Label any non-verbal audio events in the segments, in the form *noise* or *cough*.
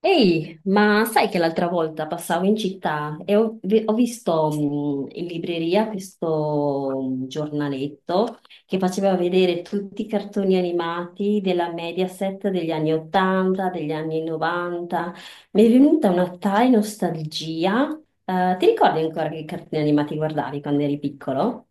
Ehi, ma sai che l'altra volta passavo in città e ho visto in libreria questo giornaletto che faceva vedere tutti i cartoni animati della Mediaset degli anni 80, degli anni 90. Mi è venuta una tale nostalgia. Ti ricordi ancora che cartoni animati guardavi quando eri piccolo?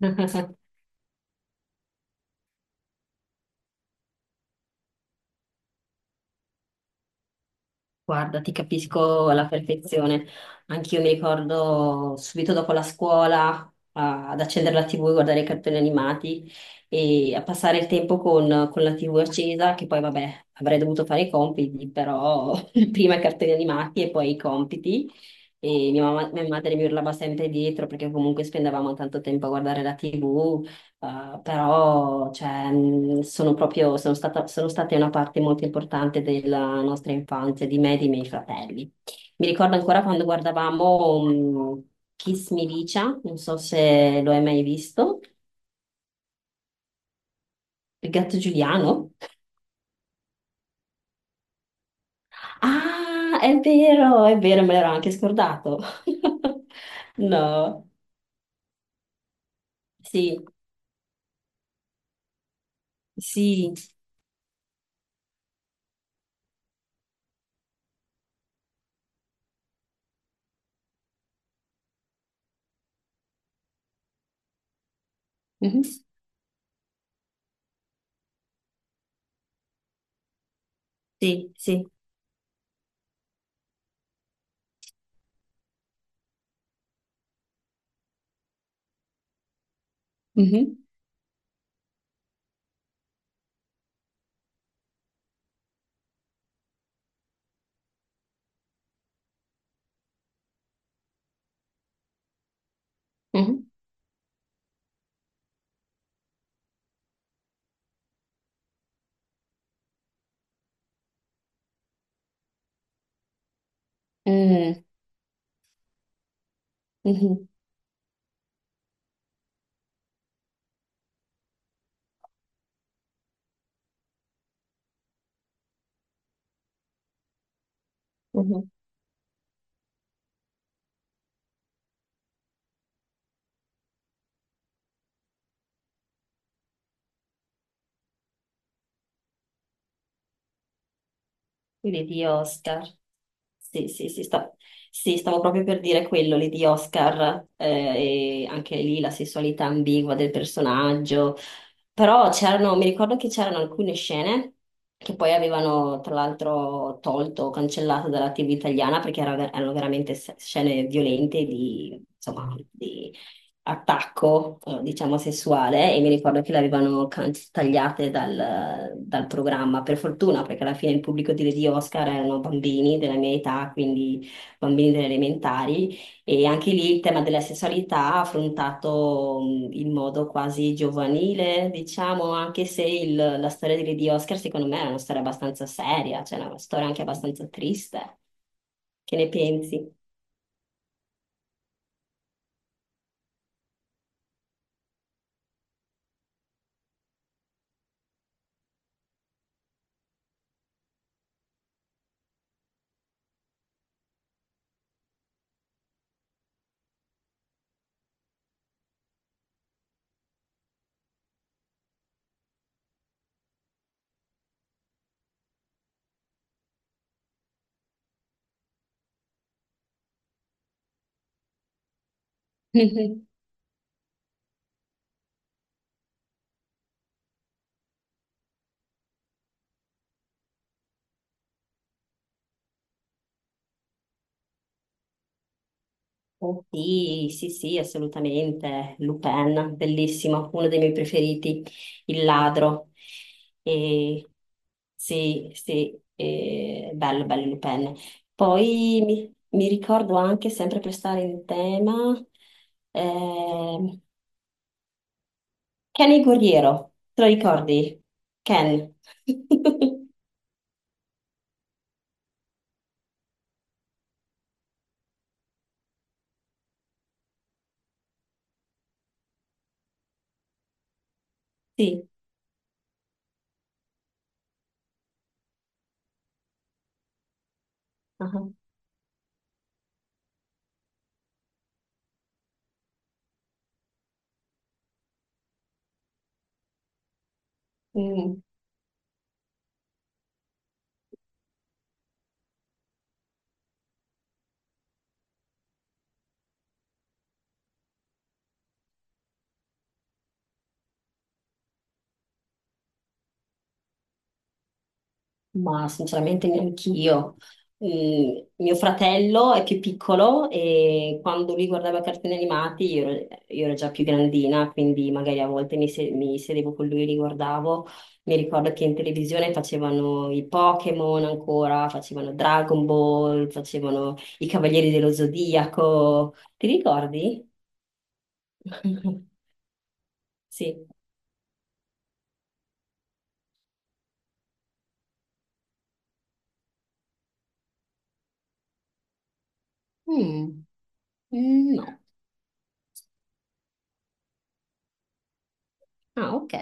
*laughs* Guarda, ti capisco alla perfezione. Anch'io mi ricordo subito dopo la scuola ad accendere la TV, guardare i cartoni animati e a passare il tempo con la TV accesa, che poi vabbè, avrei dovuto fare i compiti, però *laughs* prima i cartoni animati e poi i compiti. E mia madre mi urlava sempre dietro perché comunque spendevamo tanto tempo a guardare la TV. Però cioè, sono proprio, sono stata, sono state una parte molto importante della nostra infanzia, di me e dei miei fratelli. Mi ricordo ancora quando guardavamo mh, Kiss Me Licia, non so se lo hai mai visto, il gatto Giuliano. Ah, è vero, me l'ero anche scordato. *laughs* No, sì, sì. Mhm. Sì, sì. Mhm, mhm, mm, mhm, mhm. Quelli di Oscar. Sì, sì, sì, sì, stavo proprio per dire quello lì di Oscar, e anche lì la sessualità ambigua del personaggio. Però c'erano, mi ricordo che c'erano alcune scene che poi avevano tra l'altro tolto o cancellato dalla TV italiana perché erano veramente scene violente di, insomma, di attacco, diciamo, sessuale e mi ricordo che le avevano tagliate dal programma, per fortuna, perché alla fine il pubblico di Oscar erano bambini della mia età, quindi bambini delle elementari e anche lì il tema della sessualità affrontato in modo quasi giovanile, diciamo, anche se la storia di Lady Oscar secondo me è una storia abbastanza seria, cioè una storia anche abbastanza triste. Che ne pensi? *laughs* Oh, sì, sì, sì, assolutamente. Lupin, bellissimo, uno dei miei preferiti, il ladro. E, sì, sì, bello, bello Lupin. Poi mi ricordo anche, sempre per stare in tema, ehm, Ken il guerriero, te lo ricordi? Ken. *laughs* Sì. Ah, mm. Ma sinceramente neanch'io. Mio fratello è più piccolo e quando lui guardava cartoni animati io ero già più grandina, quindi magari a volte mi, se- mi sedevo con lui e li guardavo. Mi ricordo che in televisione facevano i Pokémon ancora, facevano Dragon Ball, facevano i Cavalieri dello Zodiaco. Ti ricordi? *laughs* Sì. Mm, mm, no. Ah, ok.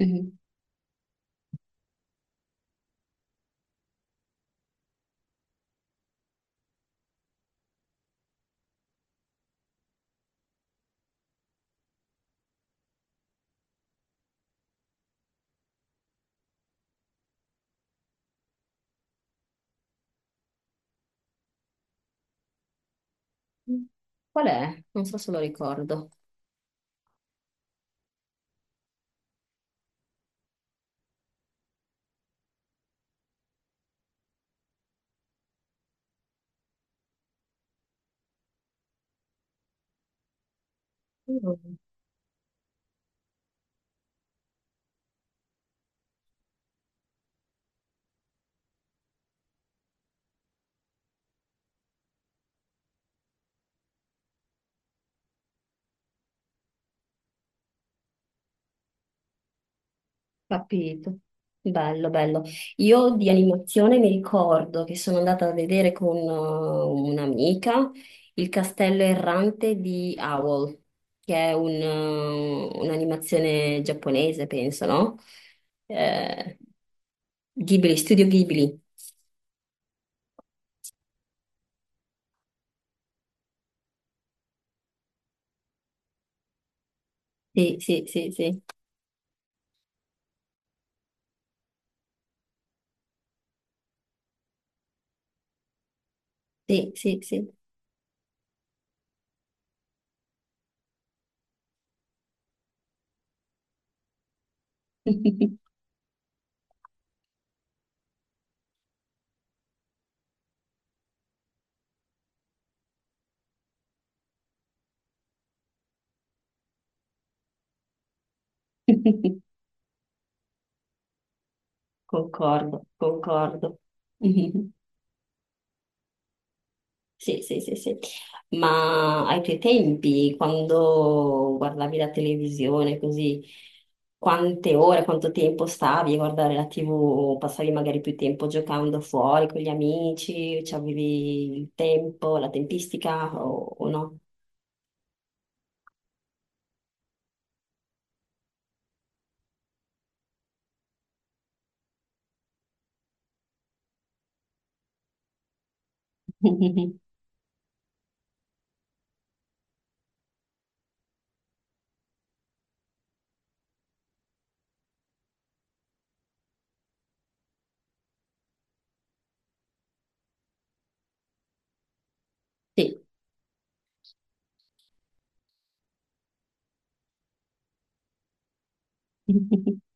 *laughs* Qual è? Non so se lo ricordo. Mm. Capito. Bello, bello. Io di animazione mi ricordo che sono andata a vedere con un'amica il Castello Errante di Howl, che è un'animazione giapponese, penso, no? Eh, Ghibli, Studio Ghibli. Sì, sì, sì, sì, sì, sì, sì. *laughs* Concordo, concordo. *laughs* Sì, sì, sì, sì. Ma ai tuoi tempi, quando guardavi la televisione, così, quante ore, quanto tempo stavi a guardare la TV? Passavi magari più tempo giocando fuori con gli amici? Cioè, avevi il tempo, la tempistica o no? *laughs* Sì. *laughs*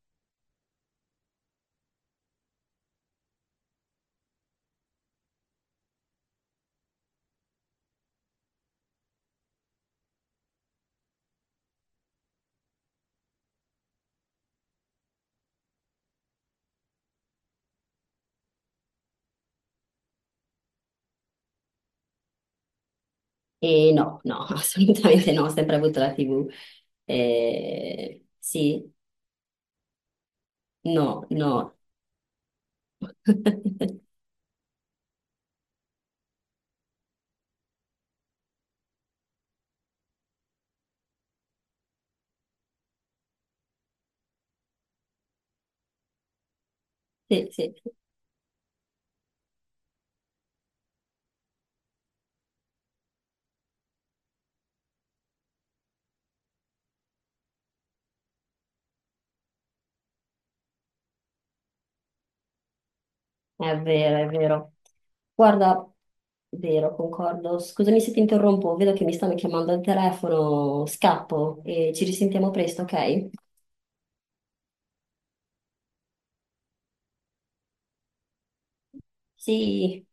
E no, no, *laughs* assolutamente no, ho sempre avuto la TV. Sì, no, no. *laughs* Sì, sì. È vero, è vero. Guarda, vero, concordo. Scusami se ti interrompo, vedo che mi stanno chiamando al telefono, scappo e ci risentiamo presto, ok? Sì.